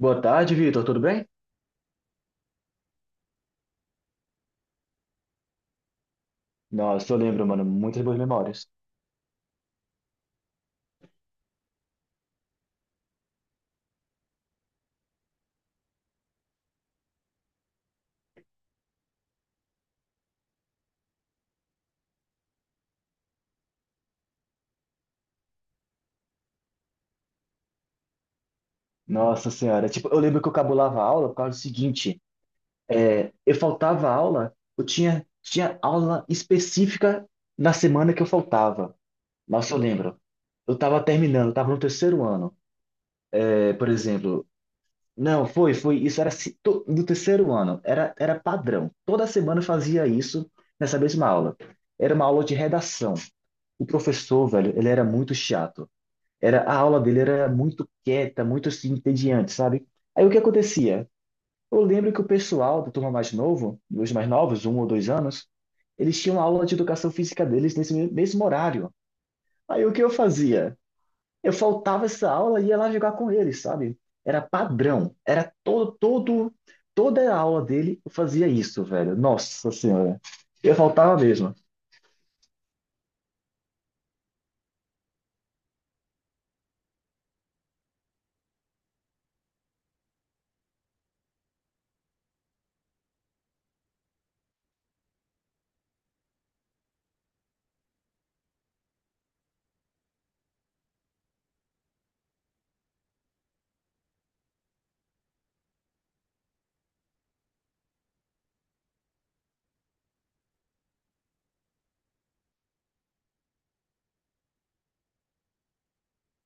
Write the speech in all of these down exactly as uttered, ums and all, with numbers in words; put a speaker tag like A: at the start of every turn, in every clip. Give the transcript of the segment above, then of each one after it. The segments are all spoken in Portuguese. A: Boa tarde, Vitor. Tudo bem? Nossa, eu lembro, mano, muitas boas memórias. Nossa senhora, tipo, eu lembro que eu cabulava a aula por causa do seguinte, é, eu faltava aula, eu tinha, tinha aula específica na semana que eu faltava. Nossa, eu lembro. Eu tava terminando, tava no terceiro ano. É, por exemplo, não, foi, foi, isso era se- to- no terceiro ano, era, era padrão. Toda semana eu fazia isso nessa mesma aula. Era uma aula de redação. O professor, velho, ele era muito chato. Era, a aula dele era muito quieta, muito assim, entediante, sabe? Aí o que acontecia? Eu lembro que o pessoal da turma mais novo, dos mais novos, um ou dois anos, eles tinham aula de educação física deles nesse me- mesmo horário. Aí o que eu fazia? Eu faltava essa aula e ia lá jogar com eles, sabe? Era padrão, era todo, todo, toda a aula dele eu fazia isso, velho. Nossa Senhora, eu faltava mesmo.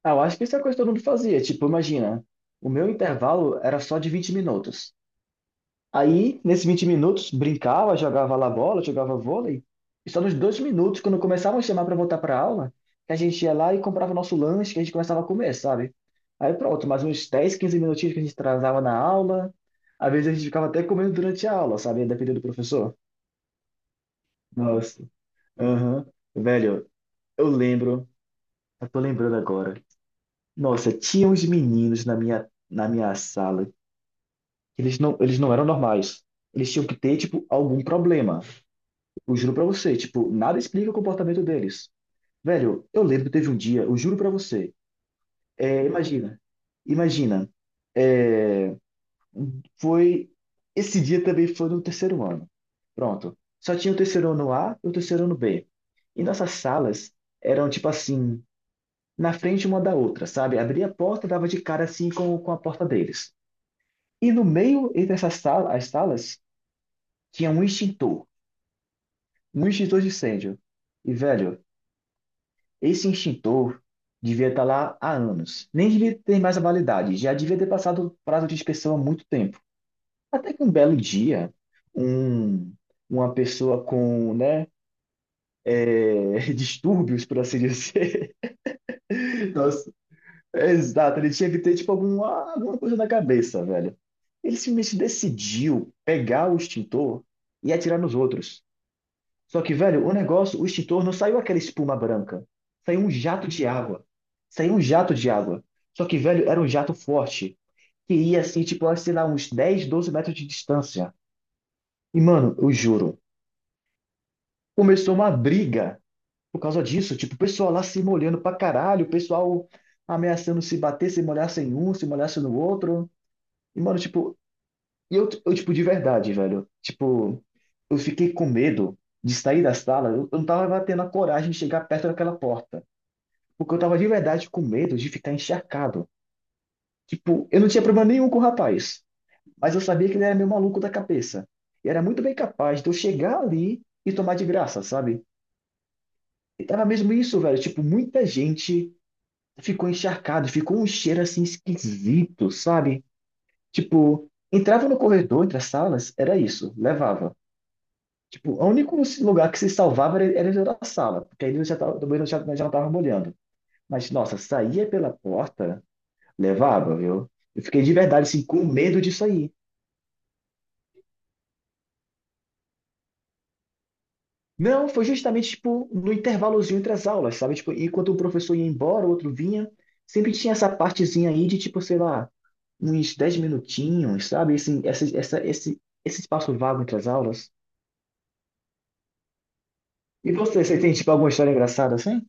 A: Ah, eu acho que isso é a coisa que todo mundo fazia. Tipo, imagina, o meu intervalo era só de vinte minutos. Aí, nesses vinte minutos, brincava, jogava lá bola, jogava vôlei. E só nos dois minutos, quando começavam a chamar para voltar para aula, que a gente ia lá e comprava o nosso lanche, que a gente começava a comer, sabe? Aí pronto, mais uns dez, quinze minutinhos que a gente atrasava na aula. Às vezes a gente ficava até comendo durante a aula, sabe? Dependendo do professor. Nossa, aham. Velho, eu lembro, eu tô lembrando agora. Nossa, tinha uns meninos na minha, na minha sala, que eles não, eles não eram normais. Eles tinham que ter, tipo, algum problema. Eu juro pra você, tipo, nada explica o comportamento deles. Velho, eu lembro que teve um dia, eu juro pra você, é, imagina, imagina, é, foi, esse dia também foi no terceiro ano, pronto. Só tinha o terceiro ano A e o terceiro ano B. E nossas salas eram, tipo assim, na frente uma da outra, sabe? Abria a porta, dava de cara assim com, com a porta deles. E no meio entre essas salas, as salas, tinha um extintor, um extintor de incêndio. E, velho, esse extintor devia estar lá há anos. Nem devia ter mais a validade, já devia ter passado o prazo de inspeção há muito tempo. Até que um belo dia, um, uma pessoa com, né, é, distúrbios, por assim dizer. Nossa, é exato, ele tinha que ter, tipo, alguma, alguma coisa na cabeça, velho. Ele simplesmente decidiu pegar o extintor e atirar nos outros. Só que, velho, o negócio, o extintor não saiu aquela espuma branca. Saiu um jato de água. Saiu um jato de água. Só que, velho, era um jato forte. Que ia assim, tipo, sei lá, uns dez, doze metros de distância. E, mano, eu juro, começou uma briga por causa disso. Tipo, o pessoal lá se molhando pra caralho, o pessoal ameaçando se bater, se molhasse em um, se molhasse no outro. E, mano, tipo, e eu, eu, tipo, de verdade, velho. Tipo, eu fiquei com medo de sair da sala. Eu eu não tava tendo a coragem de chegar perto daquela porta. Porque eu tava de verdade com medo de ficar encharcado. Tipo, eu não tinha problema nenhum com o rapaz, mas eu sabia que ele era meio maluco da cabeça. E era muito bem capaz de eu chegar ali e tomar de graça, sabe? E tava mesmo isso, velho. Tipo, muita gente ficou encharcado, ficou um cheiro assim esquisito, sabe? Tipo, entrava no corredor, entre as salas, era isso, levava. Tipo, o único lugar que se salvava era, era dentro da sala, porque aí eu já tava, também eu já, já não tava molhando. Mas, nossa, saía pela porta. Levava, viu? Eu fiquei de verdade, assim, com medo disso aí. Não, foi justamente, tipo, no intervalozinho entre as aulas, sabe? Tipo, enquanto um professor ia embora, o outro vinha, sempre tinha essa partezinha aí de, tipo, sei lá, uns dez minutinhos, sabe? Assim, essa, essa, esse, esse espaço vago entre as aulas. E você, você tem, tipo, alguma história engraçada, assim?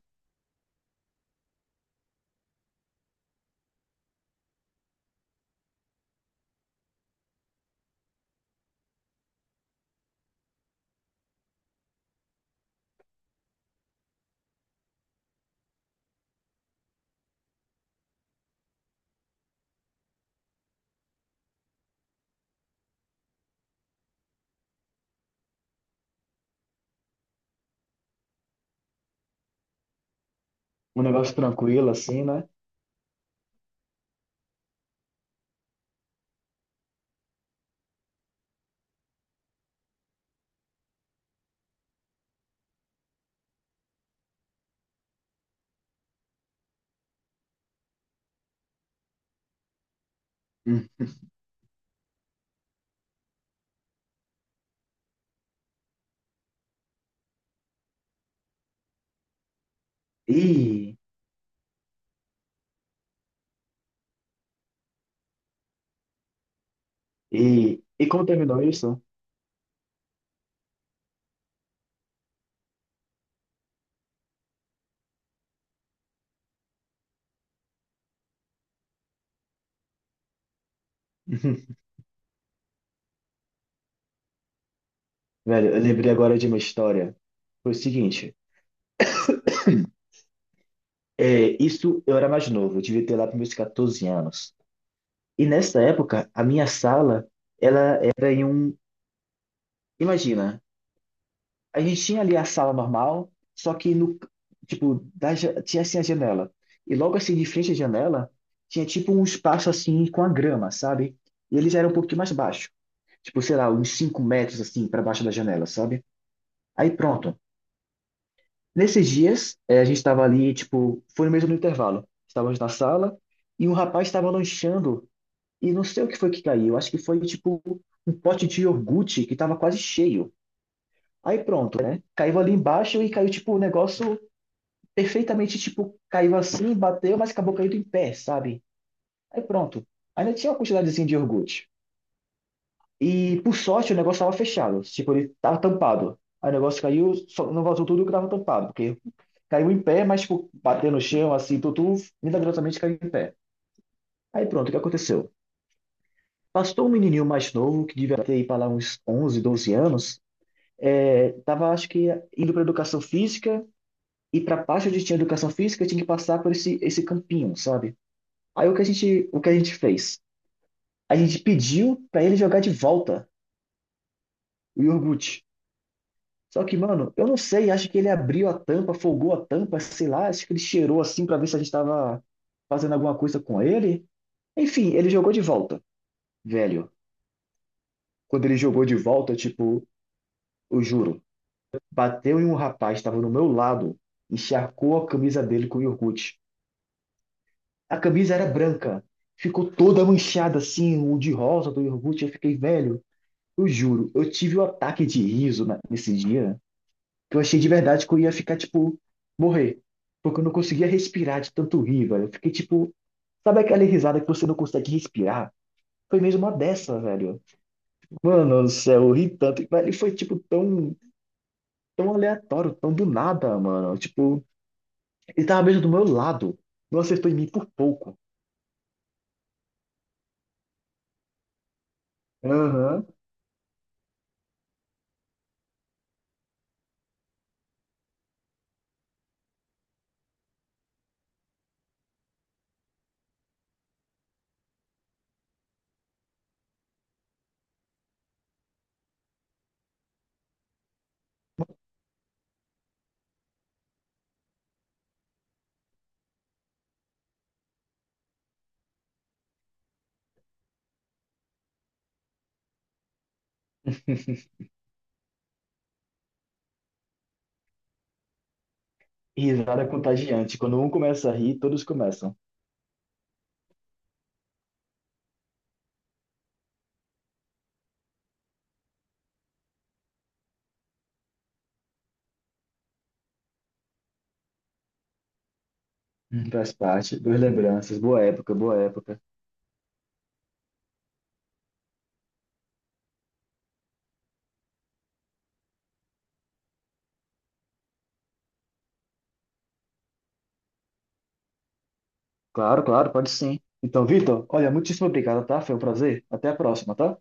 A: Um negócio tranquilo, assim, né? Hum. E, e, e como terminou isso? Velho, eu lembrei agora de uma história. Foi o seguinte. É, isso eu era mais novo, eu devia ter lá para meus quatorze anos. E nessa época, a minha sala, ela era em um. Imagina, a gente tinha ali a sala normal, só que no. Tipo, da ja- tinha assim a janela. E logo assim, de frente à janela, tinha tipo um espaço assim com a grama, sabe? E eles eram um pouquinho mais baixo. Tipo, sei lá, uns cinco metros assim para baixo da janela, sabe? Aí pronto. Nesses dias, eh, a gente estava ali, tipo, foi mesmo no intervalo. Estávamos na sala e um rapaz estava lanchando. E não sei o que foi que caiu. Acho que foi tipo um pote de iogurte que tava quase cheio. Aí pronto, né? Caiu ali embaixo e caiu tipo um negócio perfeitamente tipo caiu assim, bateu, mas acabou caindo em pé, sabe? Aí pronto. Ainda tinha uma quantidadezinha de iogurte. E por sorte o negócio tava fechado, tipo ele tava tampado. Aí o negócio caiu, só- não vazou tudo que tava tampado, porque caiu em pé, mas tipo bateu no chão assim, tudo milagrosamente caiu em pé. Aí pronto, o que aconteceu? Pastor, um menininho mais novo, que devia ter aí para lá uns onze, doze anos, é, tava, acho que, indo para educação física, e para a parte onde tinha educação física, tinha que passar por esse, esse campinho, sabe? Aí o que a gente, o que a gente fez? A gente pediu para ele jogar de volta o iogurte. Só que, mano, eu não sei, acho que ele abriu a tampa, folgou a tampa, sei lá, acho que ele cheirou assim para ver se a gente estava fazendo alguma coisa com ele. Enfim, ele jogou de volta, velho. Quando ele jogou de volta, tipo, eu juro. Bateu em um rapaz que estava no meu lado, e encharcou a camisa dele com iogurte. A camisa era branca, ficou toda manchada assim, o de rosa do iogurte. Eu fiquei velho. Eu juro, eu tive um ataque de riso na- nesse dia, que eu achei de verdade que eu ia ficar, tipo, morrer. Porque eu não conseguia respirar de tanto rir, velho. Eu fiquei, tipo, sabe aquela risada que você não consegue respirar? Foi mesmo uma dessa, velho. Mano do céu, eu ri tanto. Velho, e foi, tipo, tão, tão aleatório, tão do nada, mano. Tipo, ele tava mesmo do meu lado. Não acertou em mim por pouco. Aham. Risada contagiante. Quando um começa a rir, todos começam. Hum. Faz parte. Boas lembranças. Boa época, boa época. Claro, claro, pode sim. Então, Vitor, olha, muitíssimo obrigado, tá? Foi um prazer. Até a próxima, tá?